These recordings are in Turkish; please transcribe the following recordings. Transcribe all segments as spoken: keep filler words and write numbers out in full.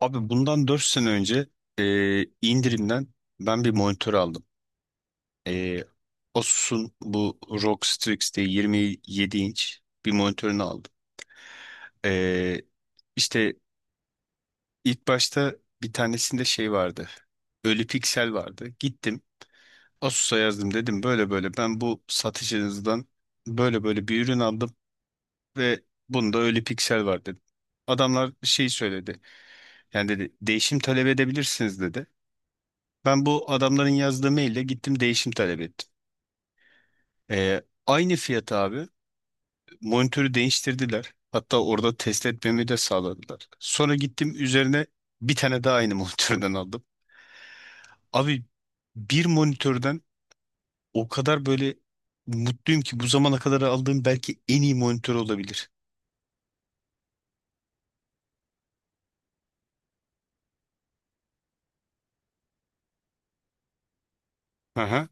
Abi bundan dört sene önce e, indirimden ben bir monitör aldım. E, Asus'un bu ROG Strix diye 27 inç bir monitörünü aldım. E, işte ilk başta bir tanesinde şey vardı. Ölü piksel vardı. Gittim Asus'a yazdım, dedim böyle böyle ben bu satıcınızdan böyle böyle bir ürün aldım ve bunda ölü piksel var dedim. Adamlar şey söyledi. Yani dedi değişim talep edebilirsiniz dedi. Ben bu adamların yazdığı maille gittim değişim talep ettim. Ee, aynı fiyat abi. Monitörü değiştirdiler. Hatta orada test etmemi de sağladılar. Sonra gittim üzerine bir tane daha aynı monitörden aldım. Abi bir monitörden o kadar böyle mutluyum ki bu zamana kadar aldığım belki en iyi monitör olabilir. Aha.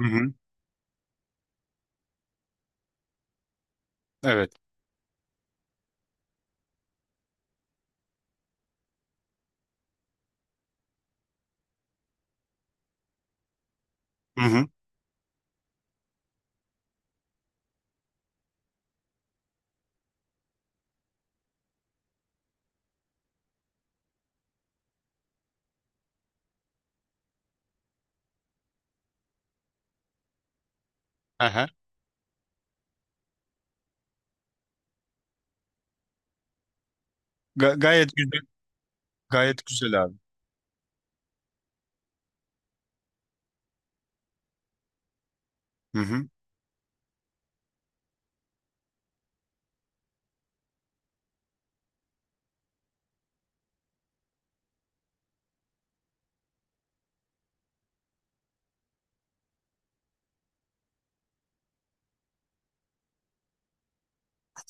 Hı hı. Evet. Hı hı. Aha. Ga- gayet güzel. Gayet güzel abi. Hı hı.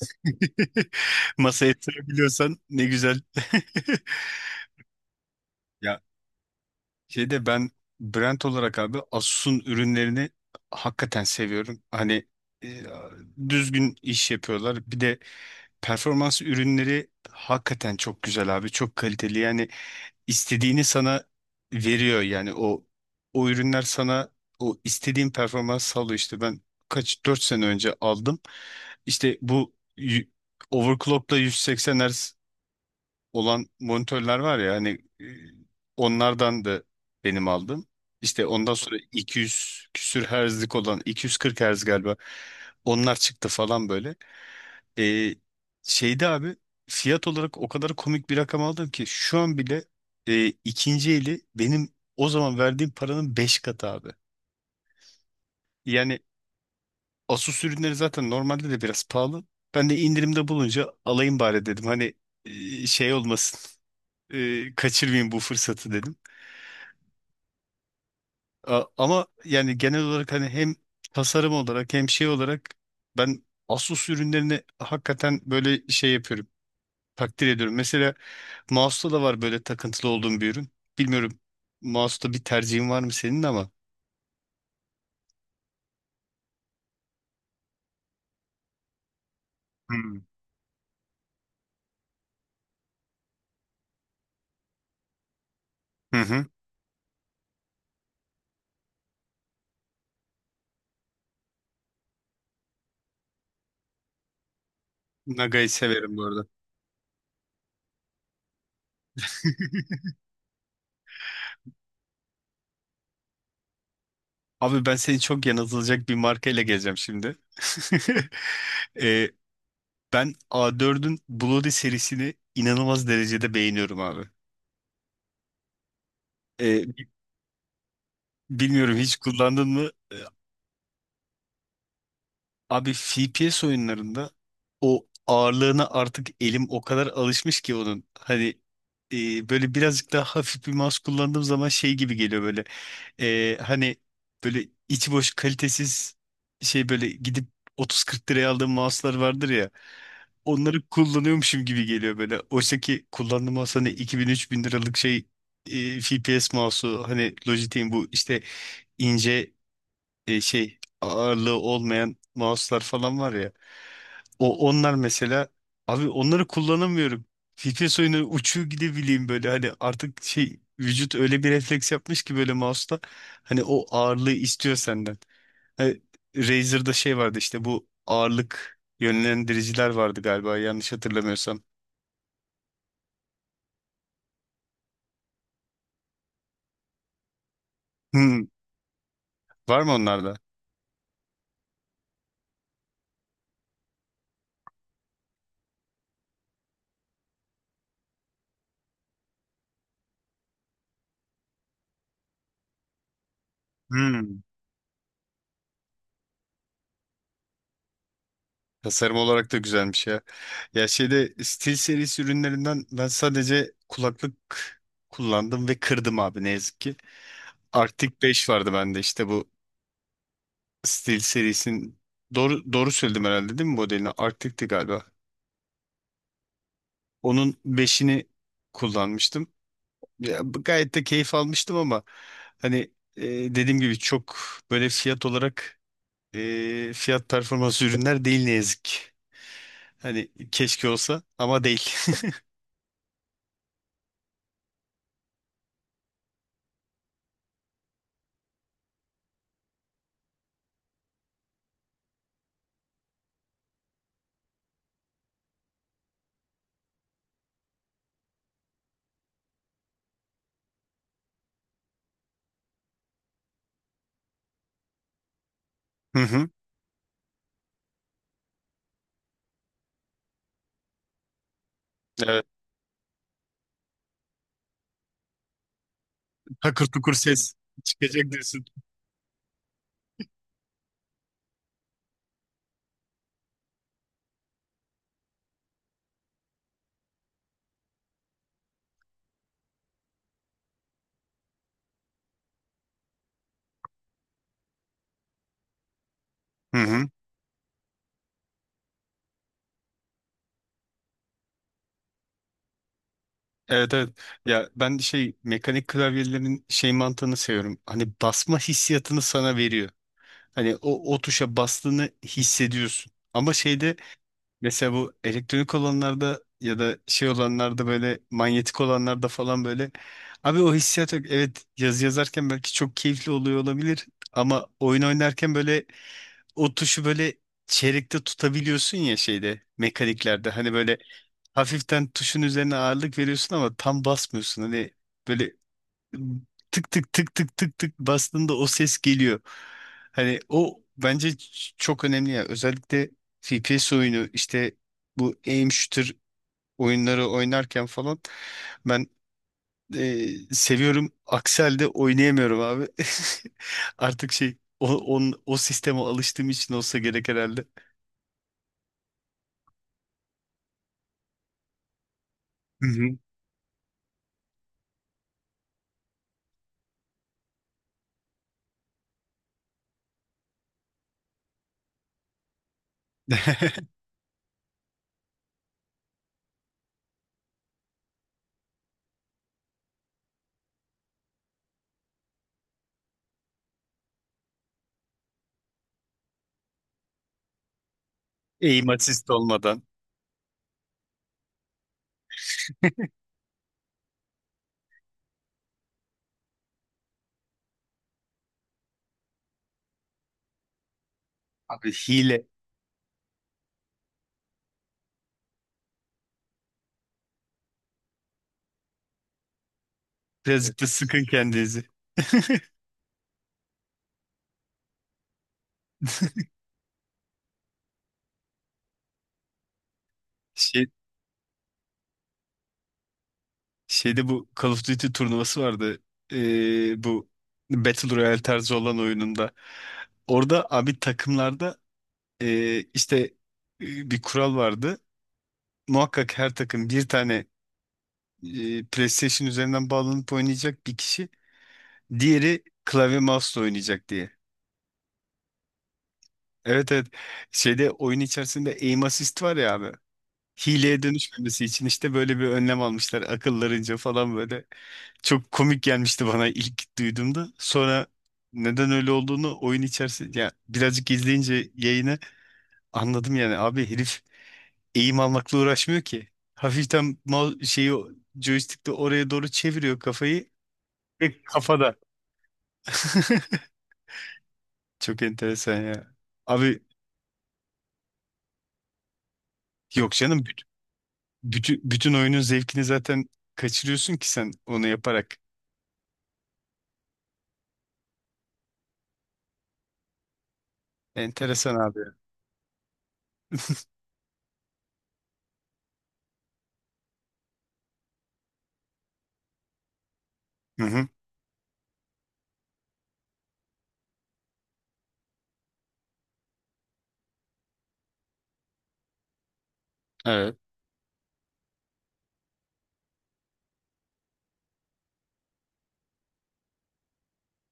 Masaya yatırabiliyorsan ne güzel. Ya, şeyde ben brand olarak abi Asus'un ürünlerini hakikaten seviyorum. Hani e, düzgün iş yapıyorlar. Bir de performans ürünleri hakikaten çok güzel abi. Çok kaliteli. Yani istediğini sana veriyor, yani o o ürünler sana o istediğin performans sağlıyor. İşte ben kaç dört sene önce aldım. İşte bu y- overclock'la yüz seksen hertz Hz olan monitörler var ya. Hani e, onlardan da benim aldım. İşte ondan sonra iki yüz küsür herzlik olan iki yüz kırk herz galiba onlar çıktı falan böyle. E, şeyde abi fiyat olarak o kadar komik bir rakam aldım ki şu an bile e, ikinci eli benim o zaman verdiğim paranın beş katı abi. Yani Asus ürünleri zaten normalde de biraz pahalı. Ben de indirimde bulunca alayım bari dedim. Hani e, şey olmasın. e, kaçırmayayım bu fırsatı dedim. A- ama yani genel olarak hani hem tasarım olarak hem şey olarak ben Asus ürünlerini hakikaten böyle şey yapıyorum. Takdir ediyorum. Mesela mouse'da da var böyle takıntılı olduğum bir ürün. Bilmiyorum, mouse'da bir tercihin var mı senin ama? Hmm. Hı hı. Naga'yı severim bu arada. Abi ben seni çok yanıltılacak bir markayla geleceğim şimdi. Ee, ben a dördün Bloody serisini inanılmaz derecede beğeniyorum abi. Ee, bi- bilmiyorum hiç kullandın mı? Ee, abi F P S oyunlarında o ağırlığına artık elim o kadar alışmış ki onun. Hani e, böyle birazcık daha hafif bir mouse kullandığım zaman şey gibi geliyor böyle. Ee, hani böyle içi boş kalitesiz şey böyle gidip otuz kırk liraya aldığım mouse'lar vardır ya. Onları kullanıyormuşum gibi geliyor böyle. Oysa ki kullandığım mouse hani 2000 bin üç bin liralık şey, e, F P S mouse'u, hani Logitech'in bu işte ince e, şey ağırlığı olmayan mouse'lar falan var ya. O onlar mesela, abi onları kullanamıyorum. F P S oyunu uçuyor gidebileyim böyle hani, artık şey vücut öyle bir refleks yapmış ki böyle mouse'ta hani o ağırlığı istiyor senden. E, Razer'da şey vardı, işte bu ağırlık yönlendiriciler vardı galiba, yanlış hatırlamıyorsam. Hmm, var mı onlarda? Hmm. Tasarım olarak da güzelmiş ya. Ya, şeyde Steel serisi ürünlerinden ben sadece kulaklık kullandım ve kırdım abi, ne yazık ki. Arctic beş vardı bende, işte bu Steel serisinin, doğru doğru söyledim herhalde değil mi modelini? Arctic'ti galiba. Onun beşini kullanmıştım. Ya, bu- gayet de keyif almıştım ama hani e, dediğim gibi çok böyle fiyat olarak e, fiyat performans ürünler değil ne yazık ki. Hani keşke olsa ama değil. Hı hı. Evet. Takır tukur ses çıkacak diyorsun. Hı hı. Evet evet. Ya ben de şey mekanik klavyelerin şey mantığını seviyorum. Hani basma hissiyatını sana veriyor. Hani o, o tuşa bastığını hissediyorsun. Ama şeyde mesela bu elektronik olanlarda ya da şey olanlarda, böyle manyetik olanlarda falan, böyle abi o hissiyat yok. Evet, yazı yazarken belki çok keyifli oluyor olabilir ama oyun oynarken böyle o tuşu böyle çeyrekte tutabiliyorsun ya şeyde mekaniklerde, hani böyle hafiften tuşun üzerine ağırlık veriyorsun ama tam basmıyorsun, hani böyle tık tık tık tık tık tık bastığında o ses geliyor. Hani o bence ç- çok önemli ya. Özellikle F P S oyunu işte bu aim shooter oyunları oynarken falan ben e, seviyorum. Aksi halde oynayamıyorum abi. Artık şey o, on, o sisteme alıştığım için olsa gerek herhalde. Hı hı. Aim assist olmadan. Abi hile. Birazcık da sıkın kendinizi. Şeyde bu Call of Duty turnuvası vardı. Ee, bu Battle Royale tarzı olan oyununda. Orada abi takımlarda ee, işte ee, bir kural vardı. Muhakkak her takım bir tane ee, PlayStation üzerinden bağlanıp oynayacak bir kişi, diğeri klavye mouse'la oynayacak diye. Evet evet. Şeyde oyun içerisinde aim assist var ya abi. Hileye dönüşmemesi için işte böyle bir önlem almışlar akıllarınca falan böyle. Çok komik gelmişti bana ilk duyduğumda. Sonra neden öyle olduğunu oyun içerisinde ya birazcık izleyince yayını anladım yani. Abi herif eğim almakla uğraşmıyor ki. Hafiften mouse şeyi joystick'te oraya doğru çeviriyor kafayı. Ve kafada. Çok enteresan ya. Abi yok canım, bütün, bütün, oyunun zevkini zaten kaçırıyorsun ki sen onu yaparak. Enteresan abi. Hı hı. Evet.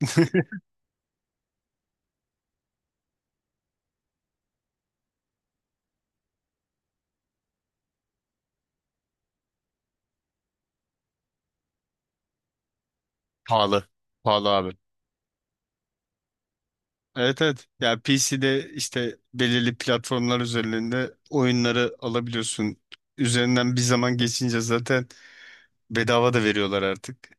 Pahalı. Pahalı abi. Evet evet. Ya, P C'de işte belirli platformlar üzerinde oyunları alabiliyorsun. Üzerinden bir zaman geçince zaten bedava da veriyorlar artık.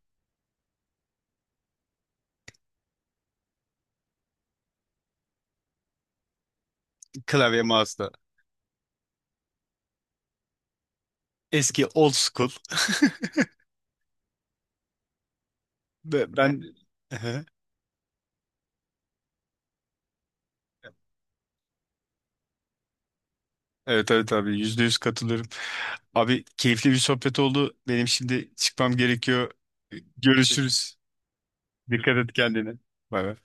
Klavye mouse'la. Eski old school. Ve ben. Ehe. Evet evet abi yüzde yüz katılıyorum. Abi keyifli bir sohbet oldu. Benim şimdi çıkmam gerekiyor. Görüşürüz. Dikkat et kendine. Bay bay.